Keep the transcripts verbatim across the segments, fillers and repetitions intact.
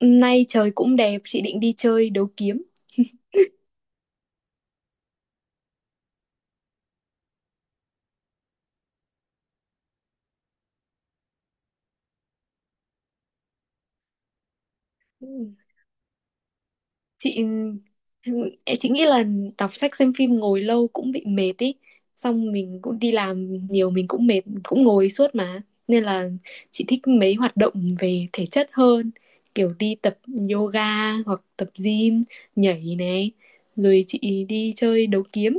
Nay trời cũng đẹp, chị định đi chơi đấu kiếm. Ừ. Chị chị nghĩ là đọc sách xem phim ngồi lâu cũng bị mệt ý. Xong mình cũng đi làm nhiều mình cũng mệt, cũng ngồi suốt mà. Nên là chị thích mấy hoạt động về thể chất hơn, kiểu đi tập yoga hoặc tập gym, nhảy này, rồi chị đi chơi đấu kiếm.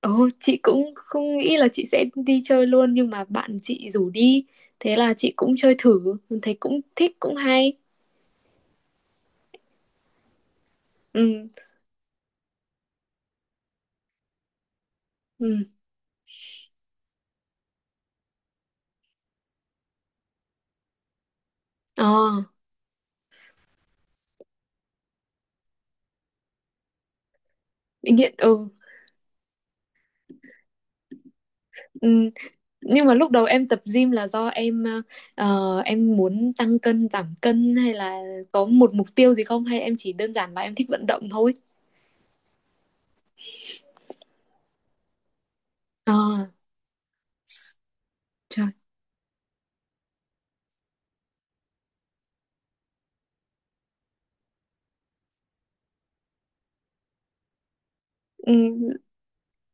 Ừ, chị cũng không nghĩ là chị sẽ đi chơi luôn nhưng mà bạn chị rủ đi, thế là chị cũng chơi thử, thấy cũng thích cũng hay. Ừ. Ừ. Ờ, bị nghiện. Ừ. Ừ, nhưng mà lúc đầu em tập gym là do em ờ, ờ, em muốn tăng cân giảm cân hay là có một mục tiêu gì không, hay em chỉ đơn giản là em thích vận động thôi? Ờ. Trời. Ừ,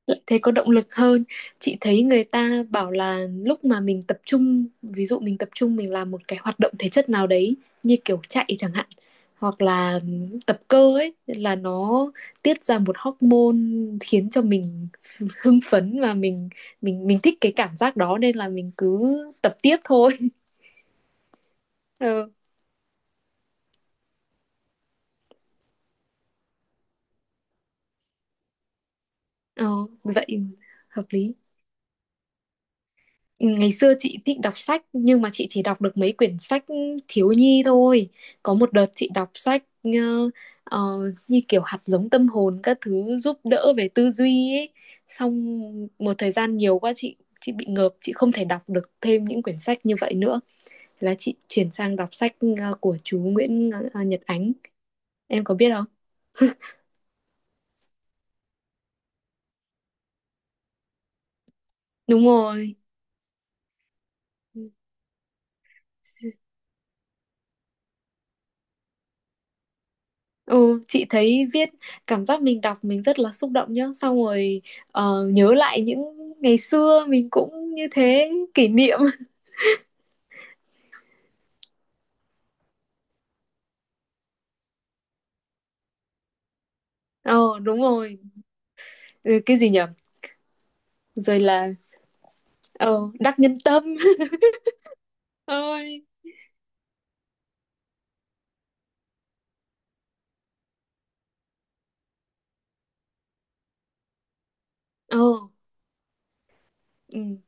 lại thấy có động lực hơn. Chị thấy người ta bảo là lúc mà mình tập trung, ví dụ mình tập trung mình làm một cái hoạt động thể chất nào đấy, như kiểu chạy chẳng hạn, hoặc là tập cơ ấy, là nó tiết ra một hormone khiến cho mình hưng phấn, và mình mình mình thích cái cảm giác đó nên là mình cứ tập tiếp thôi. Ừ. Ừ, vậy hợp lý. Ngày xưa chị thích đọc sách nhưng mà chị chỉ đọc được mấy quyển sách thiếu nhi thôi. Có một đợt chị đọc sách, ờ, ờ, như kiểu hạt giống tâm hồn các thứ, giúp đỡ về tư duy ấy. Xong một thời gian nhiều quá, chị chị bị ngợp, chị không thể đọc được thêm những quyển sách như vậy nữa. Thế là chị chuyển sang đọc sách ờ, của chú Nguyễn, ờ, Nhật Ánh. Em có biết không? Đúng rồi. Ừ, chị thấy viết cảm giác mình đọc mình rất là xúc động nhá, xong rồi ờ, nhớ lại những ngày xưa mình cũng như thế, kỷ niệm. Ờ, đúng rồi. Ừ, cái gì nhở. Rồi là, ờ, Đắc Nhân Tâm. Ơi. Ờ. Ừ,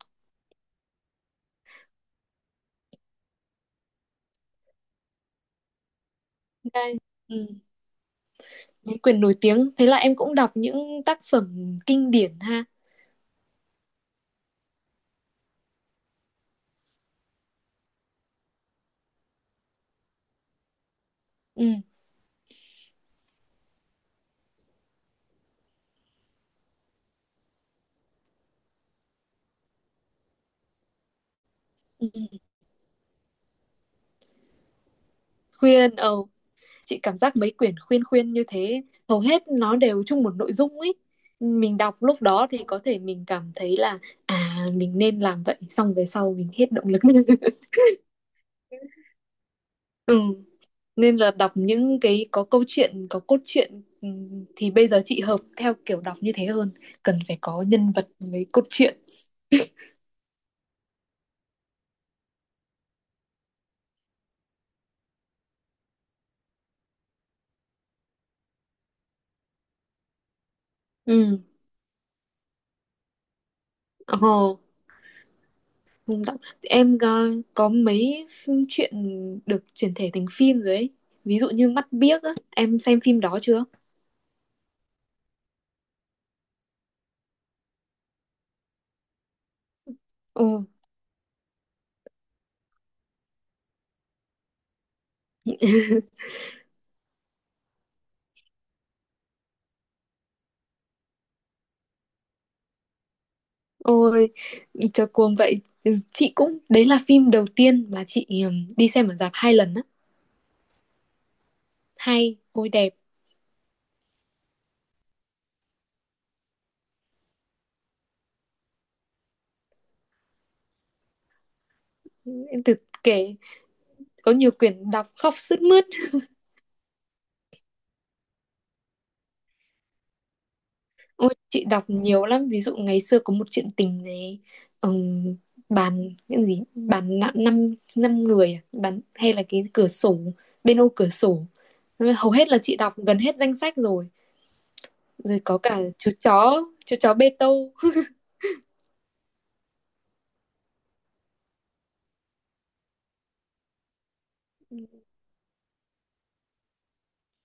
đây. Ừ. Mấy quyển nổi tiếng, thế là em cũng đọc những tác phẩm kinh điển ha. Ừ. Ừ. Ừ. Khuyên, ờ, chị cảm giác mấy quyển khuyên khuyên như thế hầu hết nó đều chung một nội dung ấy, mình đọc lúc đó thì có thể mình cảm thấy là à mình nên làm vậy, xong về sau mình hết động lực. Ừ, nên là đọc những cái có câu chuyện, có cốt truyện, ừ, thì bây giờ chị hợp theo kiểu đọc như thế hơn, cần phải có nhân vật với cốt truyện. Ừ. Ồ, em có, có mấy chuyện được chuyển thể thành phim rồi ấy, ví dụ như Mắt Biếc á, em xem phim đó chưa? Ồ. Ôi, cho cuồng vậy. Chị cũng, đấy là phim đầu tiên mà chị ừm, đi xem ở rạp hai lần á. Hay, ôi đẹp. Em thực kể, có nhiều quyển đọc khóc sướt mướt. Ôi, chị đọc nhiều lắm. Ví dụ ngày xưa có một chuyện tình này, ừm, bàn, những gì, bàn nặng năm, năm người, à? Bàn, hay là cái cửa sổ, bên ô cửa sổ. Hầu hết là chị đọc gần hết danh sách rồi. Rồi có cả chú chó, chú chó Bê Tô.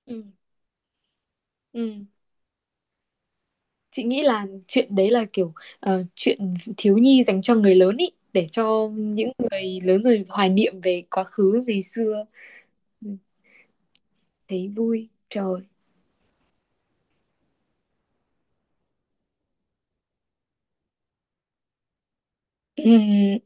Ừ. Ừ. Chị nghĩ là chuyện đấy là kiểu ờ, chuyện thiếu nhi dành cho người lớn ý, để cho những người lớn rồi hoài niệm về quá khứ, về xưa. Ừ. Thấy vui. Trời. Ừm,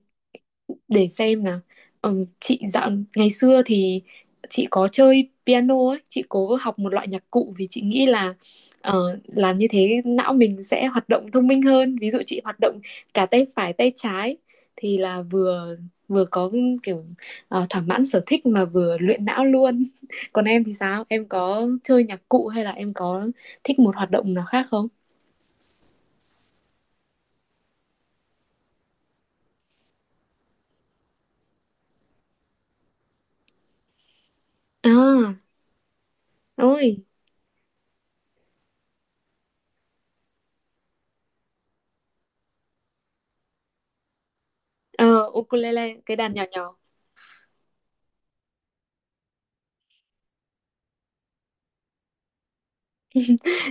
để xem nào. Ừ, chị dạo ngày xưa thì chị có chơi piano ấy, chị cố học một loại nhạc cụ vì chị nghĩ là ờ, làm như thế não mình sẽ hoạt động thông minh hơn, ví dụ chị hoạt động cả tay phải tay trái, thì là vừa vừa có kiểu ờ, thỏa mãn sở thích mà vừa luyện não luôn. Còn em thì sao, em có chơi nhạc cụ hay là em có thích một hoạt động nào khác không? À. Ôi. Ờ, ukulele, cái đàn nhỏ nhỏ.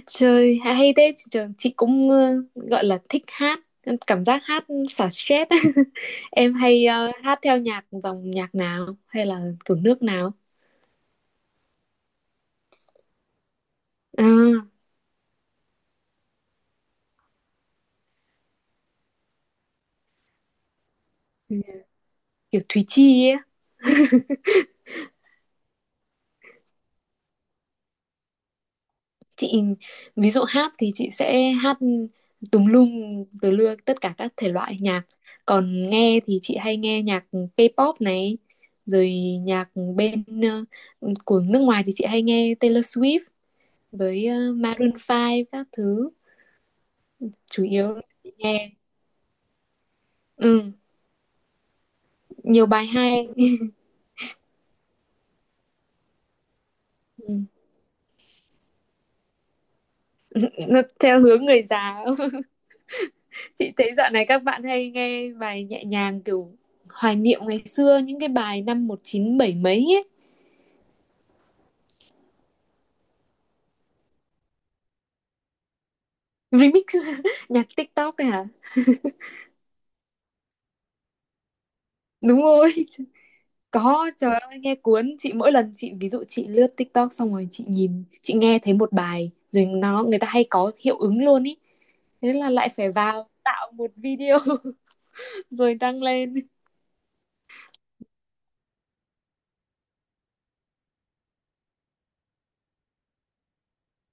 Trời, hay thế, trường chị cũng ờ, gọi là thích hát, cảm giác hát xả stress. Em hay ờ, hát theo nhạc dòng nhạc nào hay là kiểu nước nào? À, kiểu Thùy Chi ấy. Chị ví dụ hát thì chị sẽ hát tùm lum từ lưa tất cả các thể loại nhạc. Còn nghe thì chị hay nghe nhạc K-pop này, rồi nhạc bên, ờ, của nước ngoài thì chị hay nghe Taylor Swift với ờ, Maroon năm các thứ. Chủ yếu là nghe, ừ, nhiều bài hay. Ừ. Nó theo hướng người già. Chị thấy dạo này các bạn hay nghe bài nhẹ nhàng kiểu hoài niệm ngày xưa, những cái bài năm một chín bảy mấy ấy. Remix. Nhạc TikTok này hả? Đúng rồi, có, trời ơi nghe cuốn chị, mỗi lần chị ví dụ chị lướt TikTok xong rồi chị nhìn chị nghe thấy một bài rồi nó người ta hay có hiệu ứng luôn ý, thế là lại phải vào tạo một video. Rồi đăng lên.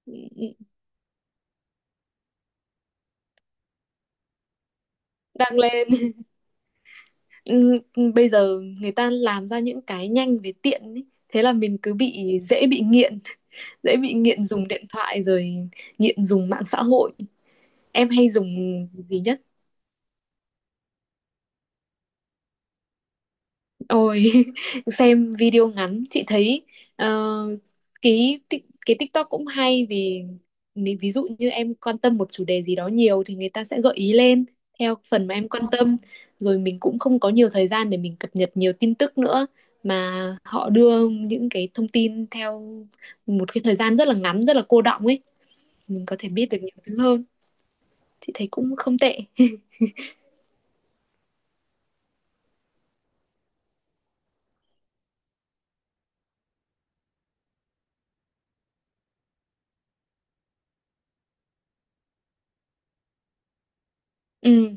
Ừ, ừ, đăng lên. Ừ, bây giờ người ta làm ra những cái nhanh với tiện ý. Thế là mình cứ bị dễ bị nghiện, dễ bị nghiện dùng điện thoại rồi nghiện dùng mạng xã hội. Em hay dùng gì nhất? Ôi. Xem video ngắn, chị thấy ờ, cái tik- cái TikTok cũng hay, vì nếu ví dụ như em quan tâm một chủ đề gì đó nhiều thì người ta sẽ gợi ý lên theo phần mà em quan tâm, rồi mình cũng không có nhiều thời gian để mình cập nhật nhiều tin tức nữa, mà họ đưa những cái thông tin theo một cái thời gian rất là ngắn rất là cô đọng ấy, mình có thể biết được nhiều thứ hơn, chị thấy cũng không tệ. Ừ.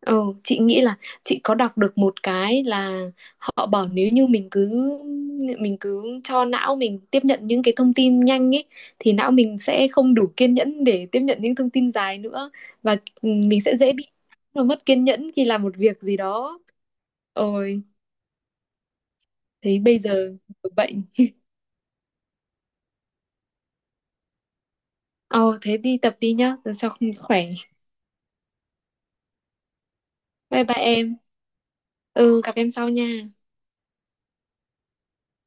Ừ, chị nghĩ là chị có đọc được một cái là họ bảo nếu như mình cứ mình cứ cho não mình tiếp nhận những cái thông tin nhanh ấy thì não mình sẽ không đủ kiên nhẫn để tiếp nhận những thông tin dài nữa, và, ừ, mình sẽ dễ bị nó mất kiên nhẫn khi làm một việc gì đó. Ôi, thế bây giờ bệnh. Ồ, thế đi tập đi nhá, cho khỏe. Bye bye em. Ừ, gặp em sau nha.